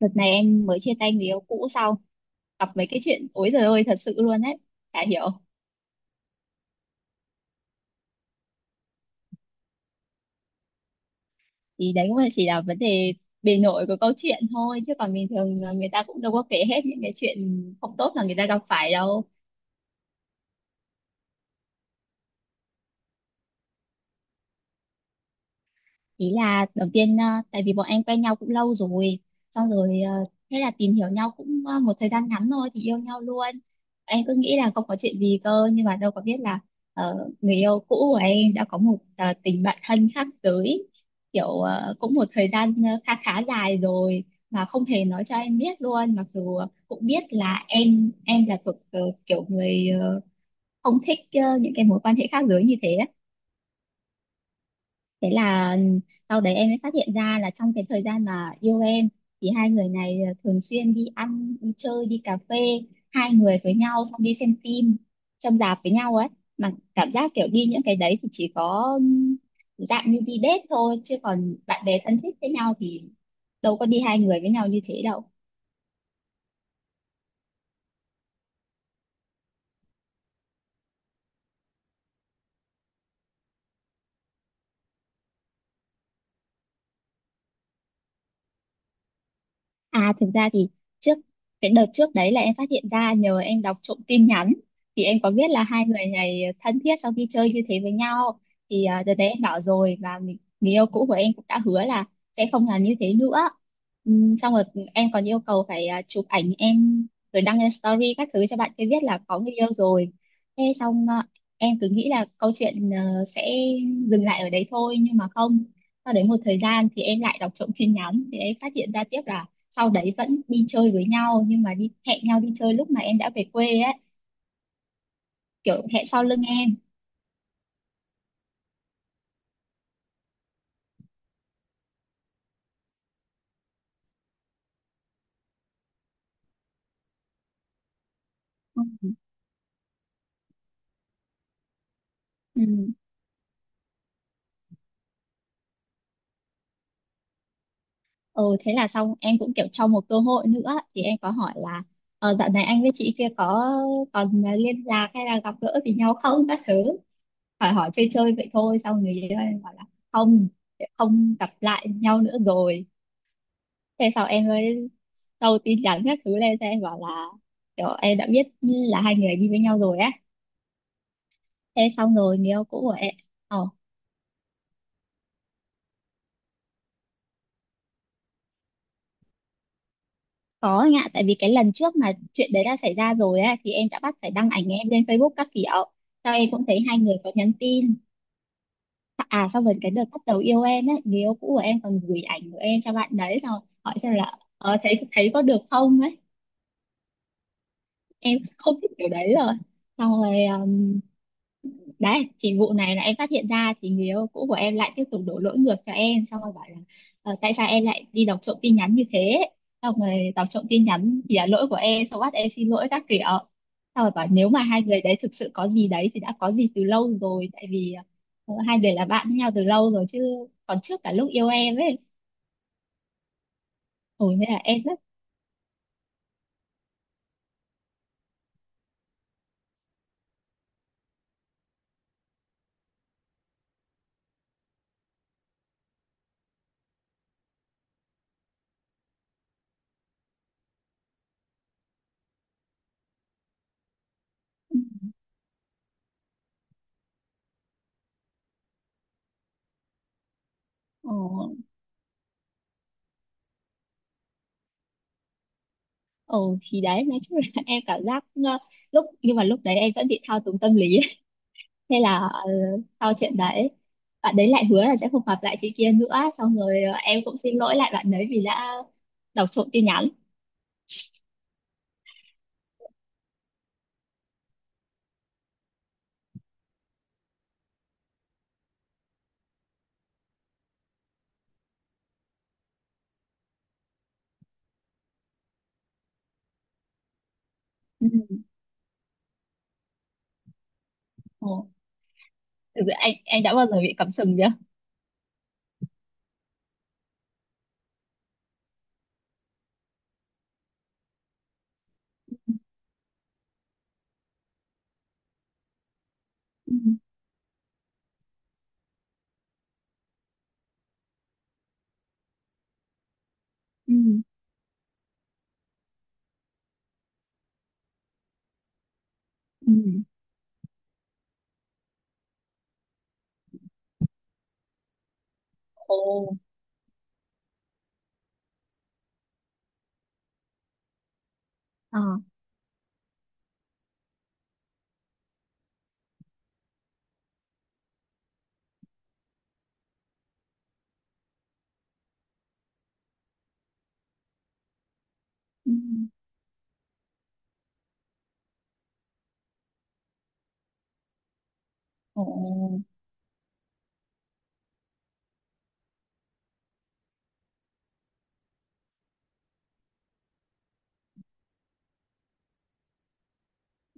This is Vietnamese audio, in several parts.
Đợt này em mới chia tay người yêu cũ sau gặp mấy cái chuyện ối giời ơi, thật sự luôn đấy, chả hiểu. Thì đấy cũng là, chỉ là vấn đề bề nổi của câu chuyện thôi, chứ còn bình thường là người ta cũng đâu có kể hết những cái chuyện không tốt là người ta gặp phải đâu. Ý là đầu tiên tại vì bọn anh quen nhau cũng lâu rồi, xong rồi thế là tìm hiểu nhau cũng một thời gian ngắn thôi thì yêu nhau luôn. Anh cứ nghĩ là không có chuyện gì cơ, nhưng mà đâu có biết là người yêu cũ của em đã có một tình bạn thân khác giới, kiểu cũng một thời gian khá khá dài rồi, mà không hề nói cho em biết luôn. Mặc dù cũng biết là em là thuộc kiểu người không thích những cái mối quan hệ khác giới như thế. Thế là sau đấy em mới phát hiện ra là trong cái thời gian mà yêu em thì hai người này thường xuyên đi ăn, đi chơi, đi cà phê hai người với nhau, xong đi xem phim trong rạp với nhau ấy. Mà cảm giác kiểu đi những cái đấy thì chỉ có dạng như đi date thôi, chứ còn bạn bè thân thích với nhau thì đâu có đi hai người với nhau như thế đâu. À, thực ra thì trước cái đợt trước đấy là em phát hiện ra nhờ em đọc trộm tin nhắn, thì em có biết là hai người này thân thiết sau khi chơi như thế với nhau. Thì đợt đấy em bảo rồi, và người yêu cũ của em cũng đã hứa là sẽ không làm như thế nữa. Xong rồi em còn yêu cầu phải chụp ảnh em rồi đăng lên story các thứ cho bạn kia biết là có người yêu rồi. Thế xong, em cứ nghĩ là câu chuyện sẽ dừng lại ở đấy thôi, nhưng mà không. Sau đấy một thời gian thì em lại đọc trộm tin nhắn, thì em phát hiện ra tiếp là sau đấy vẫn đi chơi với nhau, nhưng mà đi hẹn nhau đi chơi lúc mà em đã về quê ấy, kiểu hẹn sau lưng em. Ừ. ừ Thế là xong em cũng kiểu cho một cơ hội nữa, thì em có hỏi là dạo này anh với chị kia có còn liên lạc hay là gặp gỡ với nhau không các thứ, hỏi hỏi chơi chơi vậy thôi. Xong người yêu em bảo là không, không gặp lại nhau nữa rồi. Thế sau em mới đầu tin nhắn các thứ lên cho em, bảo là kiểu em đã biết là hai người đi với nhau rồi á. Thế xong rồi người yêu cũ của em ờ Có anh ạ, tại vì cái lần trước mà chuyện đấy đã xảy ra rồi á, thì em đã bắt phải đăng ảnh em lên Facebook các kiểu. Sau em cũng thấy hai người có nhắn tin. À, sau rồi cái đợt bắt đầu yêu em ấy, người yêu cũ của em còn gửi ảnh của em cho bạn đấy, xong rồi hỏi xem là thấy thấy có được không ấy. Em không thích kiểu đấy rồi. Xong rồi đấy, thì vụ này là em phát hiện ra thì người yêu cũ của em lại tiếp tục đổ lỗi ngược cho em, xong rồi bảo là "Ờ, tại sao em lại đi đọc trộm tin nhắn như thế", xong rồi đọc trộm tin nhắn thì là lỗi của em, xong bắt em xin lỗi các kiểu, xong rồi bảo nếu mà hai người đấy thực sự có gì đấy thì đã có gì từ lâu rồi, tại vì hai người là bạn với nhau từ lâu rồi chứ, còn trước cả lúc yêu em ấy. Ồ, nên là em rất... Ồ. Ồ. Thì đấy, nói chung là em cảm giác nhưng mà lúc đấy em vẫn bị thao túng tâm lý. Thế là sau chuyện đấy bạn đấy lại hứa là sẽ không gặp lại chị kia nữa, xong rồi em cũng xin lỗi lại bạn đấy vì đã đọc trộm tin nhắn. Ừ. Ồ, thực sự anh đã bao giờ bị cắm sừng chưa? Ừ. Ừ. Ừ. Ồ. Ờ. Ừ. Ồ.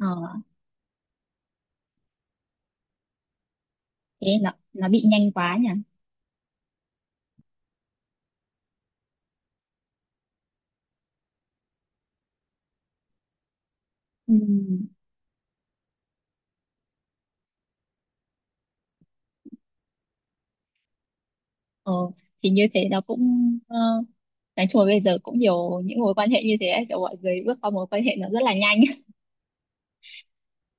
Ờ. Thế nó bị nhanh quá nhỉ? Ừ. Ờ, thì như thế nó cũng ờ, nói chung là bây giờ cũng nhiều những mối quan hệ như thế ấy, kiểu mọi người bước qua mối quan hệ nó rất là nhanh.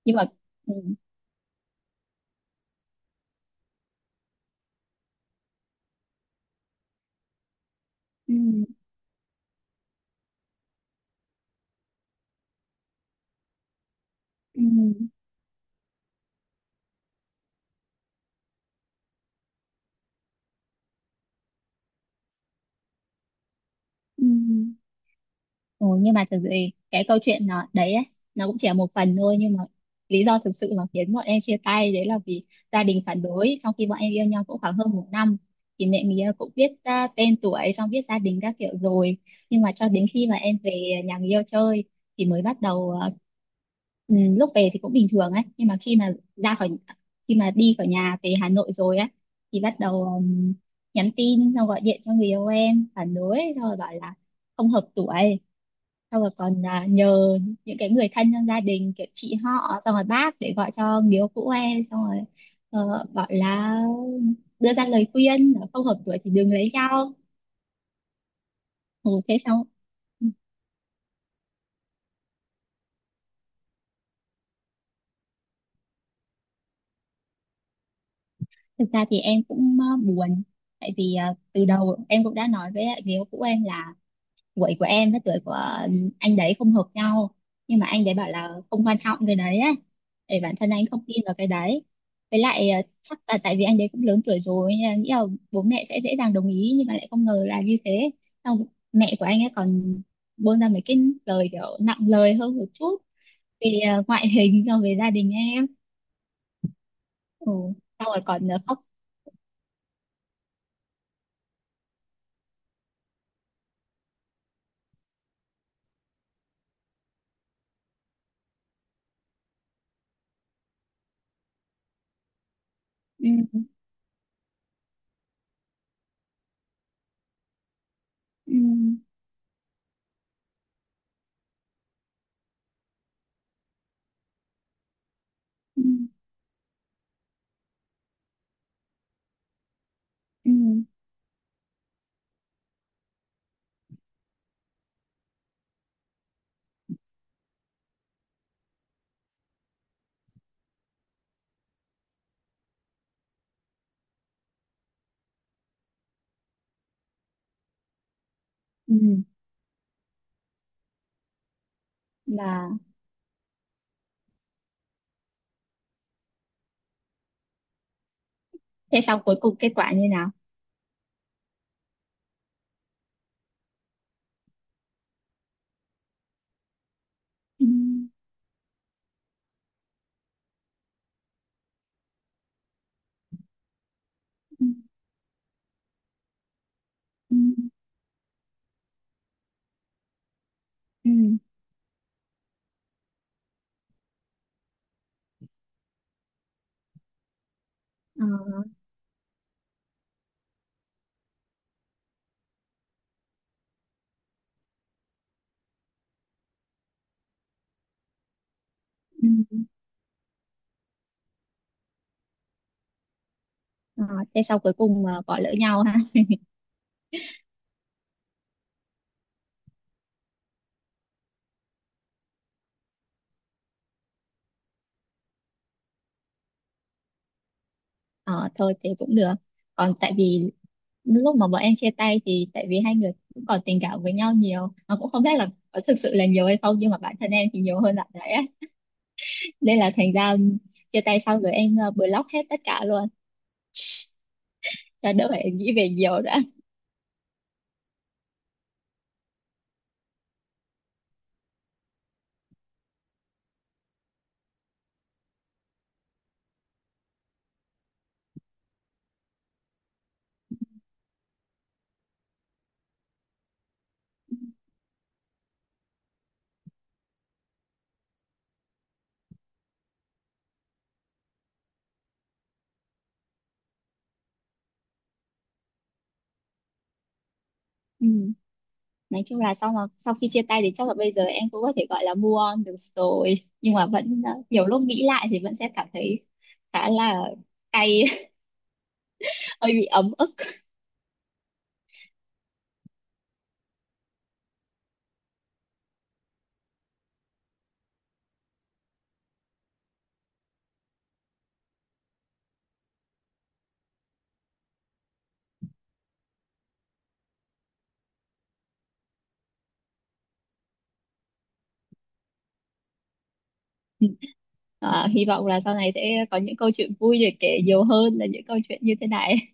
Nhưng mà ừ. Ừ. Ừ. Ừ. Ừ, nhưng mà thực sự thì cái câu chuyện nó đấy ấy, nó cũng chỉ là một phần thôi, nhưng mà lý do thực sự mà khiến bọn em chia tay đấy là vì gia đình phản đối. Trong khi bọn em yêu nhau cũng khoảng hơn một năm, thì mẹ mía cũng biết tên tuổi, xong biết gia đình các kiểu rồi. Nhưng mà cho đến khi mà em về nhà người yêu chơi thì mới bắt đầu ừ, lúc về thì cũng bình thường ấy, nhưng mà khi mà ra khỏi, khi mà đi khỏi nhà về Hà Nội rồi ấy, thì bắt đầu nhắn tin xong gọi điện cho người yêu em phản đối, xong rồi bảo là không hợp tuổi. Xong rồi còn nhờ những cái người thân trong gia đình, kiểu chị họ, xong rồi bác để gọi cho biếu cũ em, xong rồi bảo là đưa ra lời khuyên là không hợp tuổi thì đừng lấy nhau. Ừ, thế xong, ừ, thực ra thì em cũng buồn, tại vì từ đầu em cũng đã nói với lại người yêu cũ em là tuổi của em với tuổi của anh đấy không hợp nhau, nhưng mà anh đấy bảo là không quan trọng cái đấy ấy, để bản thân anh không tin vào cái đấy. Với lại chắc là tại vì anh đấy cũng lớn tuổi rồi nên là nghĩ là bố mẹ sẽ dễ dàng đồng ý, nhưng mà lại không ngờ là như thế. Xong mẹ của anh ấy còn buông ra mấy cái lời kiểu nặng lời hơn một chút về ngoại hình so với gia đình em. Ừ. Xong rồi còn khóc. Ừ. Ừ. Ừ. Ừ. Ừ. Ừ. Và... Thế xong, cuối cùng kết quả như nào? Ừ. Ừ. Ừ. Ừ. Ờ. Ừ. Ờ. Thế sau cuối cùng bỏ lỡ nhau ha? Ờ thôi, thế cũng được. Còn tại vì lúc mà bọn em chia tay thì tại vì hai người cũng còn tình cảm với nhau nhiều, mà cũng không biết là có thực sự là nhiều hay không, nhưng mà bản thân em thì nhiều hơn bạn đấy á. Nên là thành ra chia tay xong rồi em block hết tất cả luôn cho đỡ phải nghĩ về nhiều đã. Ừ. Nói chung là sau mà sau khi chia tay thì chắc là bây giờ em cũng có thể gọi là move on được rồi, nhưng mà vẫn nhiều lúc nghĩ lại thì vẫn sẽ cảm thấy khá là cay, hơi bị ấm ức. À, hy vọng là sau này sẽ có những câu chuyện vui để kể nhiều hơn là những câu chuyện như thế này.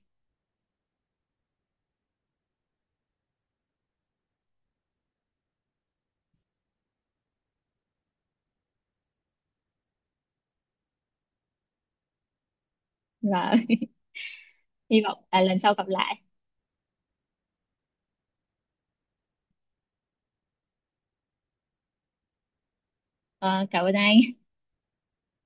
Và hy vọng là lần sau gặp lại. À, cảm ơn anh.